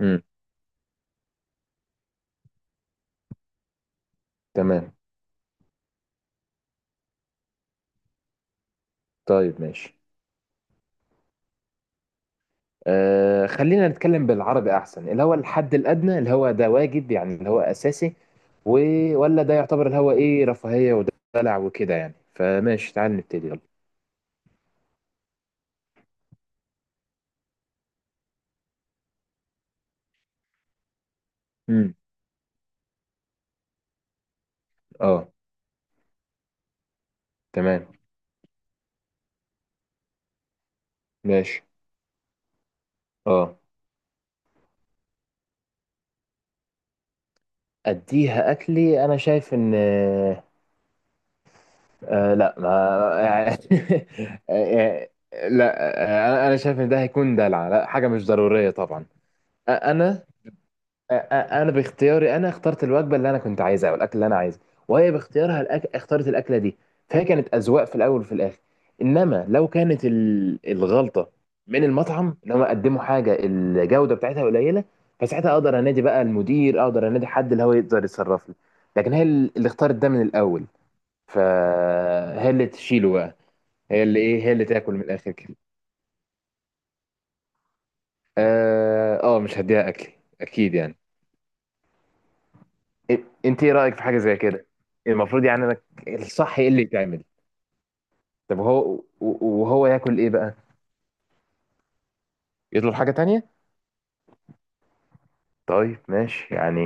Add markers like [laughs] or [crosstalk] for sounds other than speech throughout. امم تمام. طيب، ماشي. آه، خلينا نتكلم بالعربي، احسن اللي هو الحد الادنى، اللي هو ده واجب، يعني اللي هو اساسي، و... ولا ده يعتبر اللي هو ايه، رفاهية ودلع وكده. يعني فماشي، تعال نبتدي يلا. امم اه. تمام. ماشي. اه، اديها اكلي، انا شايف ان آه آه، لا ما... [laughs] آه، لا، انا شايف ان ده هيكون دلع، لا، حاجة مش ضرورية طبعا. انا انا باختياري، انا اخترت الوجبه اللي انا كنت عايزها، والاكل اللي انا عايزه، وهي باختيارها اختارت الاكله دي، فهي كانت اذواق في الاول وفي الاخر. انما لو كانت الغلطه من المطعم، ان هم قدموا حاجه الجوده بتاعتها قليله، فساعتها اقدر انادي بقى المدير، اقدر انادي حد اللي هو يقدر يتصرف لي. لكن هي اللي اختارت ده من الاول، فهي اللي تشيله بقى. هي اللي ايه، هي اللي تاكل من الاخر كده. اه، مش هديها اكلي، اكيد يعني. إ- انت ايه رايك في حاجه زي كده؟ المفروض يعني انا، الصح ايه اللي يتعمل؟ طب هو، وهو ياكل ايه بقى؟ يطلب حاجه تانية. طيب ماشي يعني،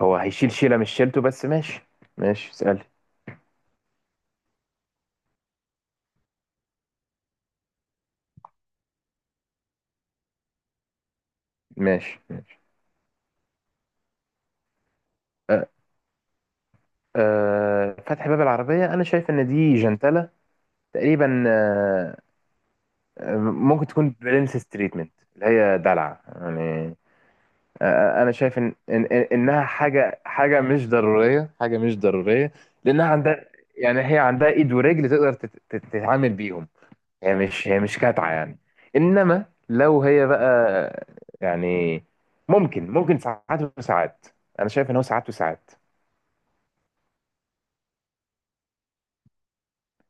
هو هيشيل شيله مش شيلته، بس ماشي. ماشي، اسال. ماشي، ماشي. أه، أه، فتح باب العربيه، انا شايف ان دي جنتله تقريبا. أه، ممكن تكون برنسس تريتمنت، اللي هي دلع يعني. انا شايف ان انها حاجه مش ضروريه، حاجه مش ضروريه. لانها عندها، يعني هي عندها ايد ورجل تقدر تتعامل بيهم، هي مش كاتعه يعني. انما لو هي بقى، يعني ممكن، ممكن ساعات وساعات، انا شايف ان هو ساعات وساعات.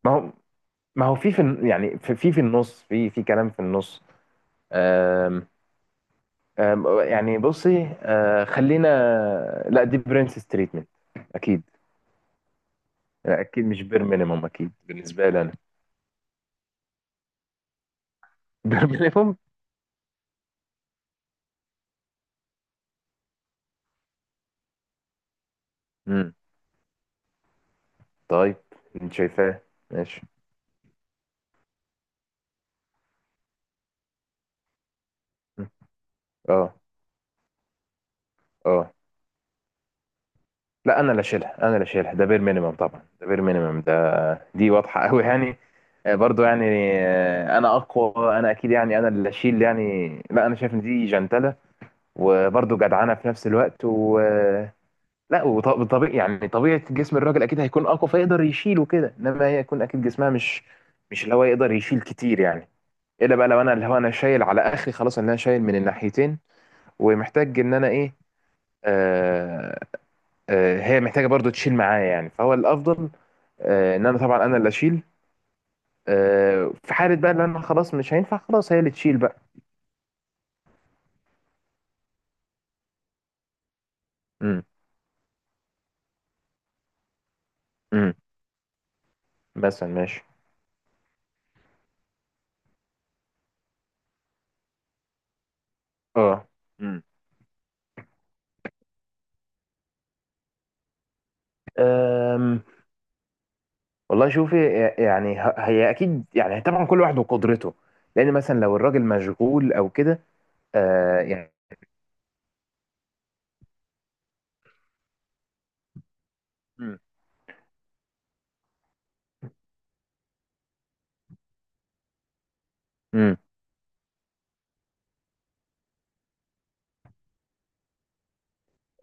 ما هو ما هو في، في يعني في، في النص، في، في كلام في النص. آم آم يعني بصي، خلينا، لا دي برنسس تريتمنت اكيد. لا اكيد، مش بير مينيمم، اكيد بالنسبه لي انا. [laughs] بير مينيمم. امم طيب، انت شايفاه، ماشي. مم. اه، اه لا، انا اللي شايلها، انا اللي شايلها، ده بير مينيمم طبعا، ده بير مينيمم ده. دي واضحه قوي يعني. برضو يعني، انا اقوى، انا اكيد يعني انا اللي اشيل يعني، لا انا شايف ان دي جنتله وبرضو جدعانه في نفس الوقت. و لا، وطبيعي يعني، طبيعه جسم الراجل اكيد هيكون اقوى فيقدر يشيل وكده، انما هي يكون اكيد جسمها مش، مش اللي هو يقدر يشيل كتير يعني. الا بقى لو انا، اللي هو انا شايل على اخري خلاص، ان انا شايل من الناحيتين ومحتاج ان انا ايه، آه، آه هي محتاجه برضو تشيل معايا يعني، فهو الافضل آه، ان انا طبعا انا اللي اشيل. آه، في حاله بقى ان انا خلاص مش هينفع، خلاص هي اللي تشيل بقى. امم امم مثلا ماشي. اه. امم أم، والله شوفي، يعني هي اكيد يعني، طبعا كل واحد وقدرته، لان مثلا لو الراجل مشغول او كده. آه يعني. مم.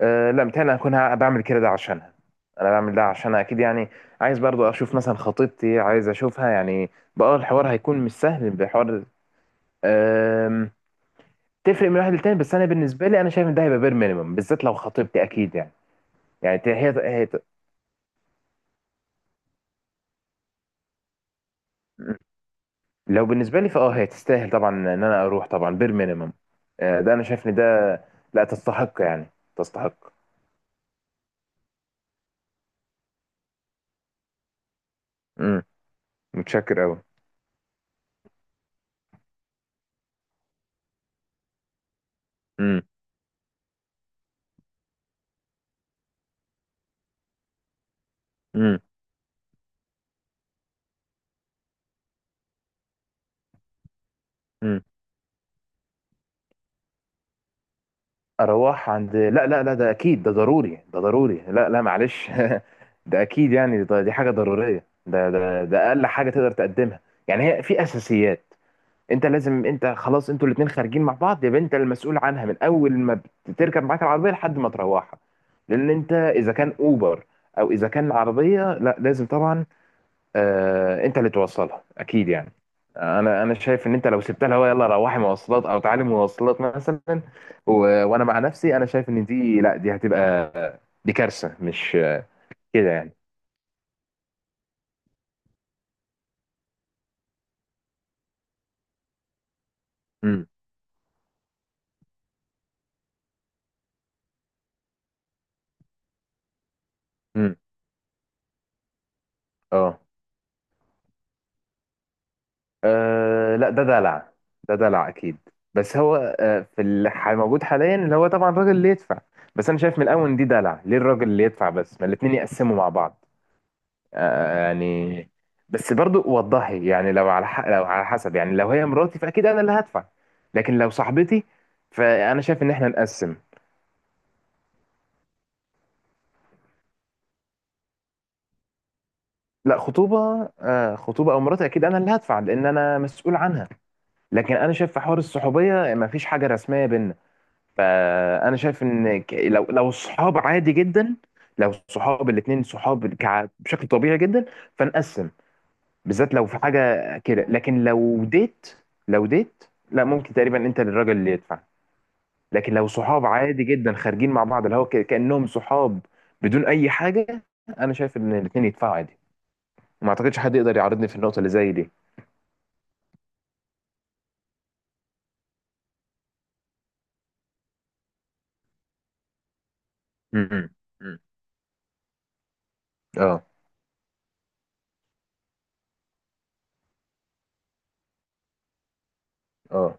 أه لا، متهيألي أنا هكون بعمل كده ده عشانها، أنا بعمل ده عشانها أكيد يعني. عايز برضو أشوف مثلا خطيبتي، عايز أشوفها يعني، بقى الحوار هيكون مش سهل بحوار. أم، تفرق من واحد للتاني، بس أنا بالنسبة لي أنا شايف إن ده هيبقى بير مينيمم، بالذات لو خطيبتي، أكيد يعني. يعني هي، لو بالنسبة لي فأه هي تستاهل طبعا إن أنا أروح، طبعا بير مينيمم. أه، ده أنا شايف إن ده، لا تستحق يعني، تستحق. امم متشكر أوي. امم امم اروح عند، لا لا لا، ده اكيد، ده ضروري، ده ضروري، لا لا معلش. [laughs] ده اكيد يعني، ده دي حاجه ضروريه، ده اقل حاجه تقدر تقدمها. يعني هي في اساسيات، انت لازم، انت خلاص انتوا الاتنين خارجين مع بعض، يبقى انت المسؤول عنها من اول ما بتركب معاك العربيه لحد ما تروحها. لان انت اذا كان اوبر او اذا كان عربيه، لا لازم طبعا، انت اللي توصلها اكيد يعني. انا شايف ان انت لو سبتها لها يلا روحي مواصلات او تعالي مواصلات مثلا، و... وانا مع نفسي، انا شايف ان دي، لا دي هتبقى، دي كارثه، مش كده يعني. امم امم اه، لا ده دلع، ده دلع اكيد. بس هو، في اللي موجود حاليا، اللي هو طبعا الراجل اللي يدفع، بس انا شايف من الاول ان دي دلع. ليه الراجل اللي يدفع بس، ما الاتنين يقسموا مع بعض؟ يعني بس برضو وضحي يعني، لو على لو على حسب، يعني لو هي مراتي فاكيد انا اللي هدفع، لكن لو صاحبتي فانا شايف ان احنا نقسم. لا، خطوبه آه، خطوبه او مراتي اكيد انا اللي هدفع، لان انا مسؤول عنها. لكن انا شايف في حوار الصحوبيه ما فيش حاجه رسميه بينا، فانا شايف ان لو الصحاب عادي جدا، لو الصحاب الاتنين صحاب بشكل طبيعي جدا، فنقسم، بالذات لو في حاجة كده. لكن لو ديت، لو ديت، لا ممكن تقريبا انت للراجل اللي يدفع، لكن لو صحاب عادي جدا خارجين مع بعض، اللي هو كأنهم صحاب بدون اي حاجة، انا شايف ان الاتنين يدفعوا عادي، ما اعتقدش حد يقدر يعارضني في النقطة اللي زي دي. امم اه، اه.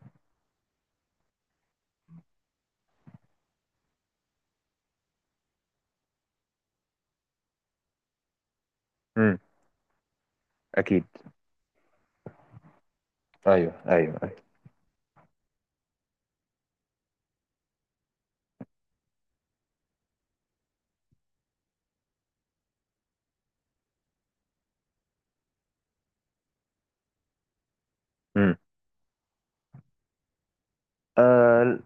امم اكيد. ايوه ايوه ايوه. امم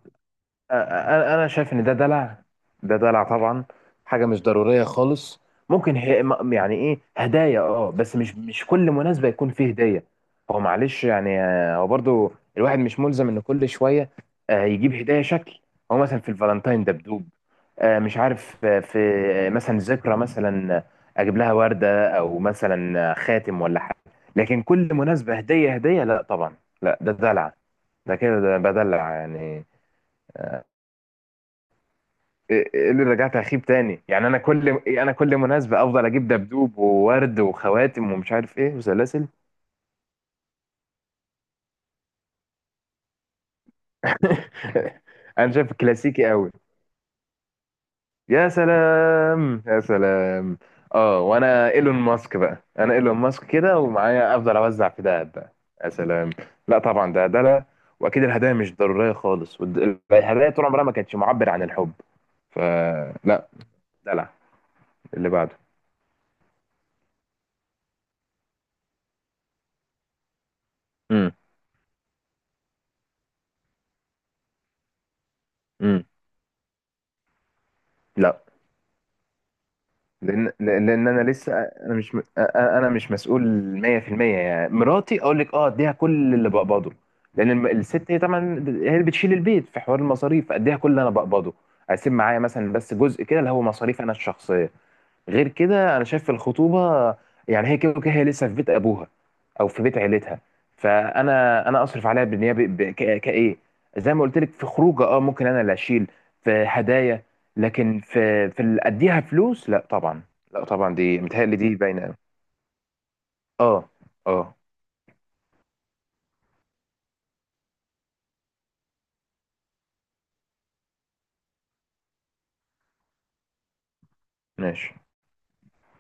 انا شايف ان ده دلع، ده دلع طبعا، حاجه مش ضروريه خالص. ممكن هي يعني ايه، هدايا اه، بس مش، مش كل مناسبه يكون فيه هديه، هو معلش يعني. هو برضو الواحد مش ملزم ان كل شويه يجيب هدايا شكل، هو مثلا في الفالنتاين دبدوب، مش عارف، آه، في آه، مثلا ذكرى، مثلا، اجيب لها ورده، او مثلا خاتم ولا حاجه. لكن كل مناسبه هديه، هديه لا طبعا، لا ده دلع، ده كده ده بدلع يعني. ايه، إيه اللي رجعت اخيب تاني يعني، انا كل إيه، انا كل مناسبه افضل اجيب دبدوب وورد وخواتم ومش عارف ايه وسلاسل؟ [laughs] انا شايف كلاسيكي قوي، يا سلام، يا سلام. اه، وانا ايلون ماسك بقى، انا ايلون ماسك كده ومعايا، افضل اوزع في دهب بقى، يا سلام. لا طبعا، ده ده لا. واكيد الهدايا مش ضروريه خالص، الهدايا طول عمرها ما كانتش معبر عن الحب، فلا، دلع. اللي بعده. امم امم لا. لان لان لأن انا لسه، انا مش انا مش مسؤول 100%، يعني مراتي اقول لك اه اديها كل اللي بقبضه، لان الست هي طبعا هي اللي بتشيل البيت في حوار المصاريف، اديها كل اللي انا بقبضه، اسيب معايا مثلا بس جزء كده اللي هو مصاريف انا الشخصيه. غير كده انا شايف الخطوبه، يعني هي كده وكده هي لسه في بيت ابوها او في بيت عيلتها، انا اصرف عليها بالنيابه كايه، زي ما قلت لك، في خروجه اه ممكن انا اللي اشيل، في هدايا، لكن في، في اللي اديها فلوس، لا طبعا، لا طبعا دي متهيألي دي باينه أوي. اه. اه، ماشي.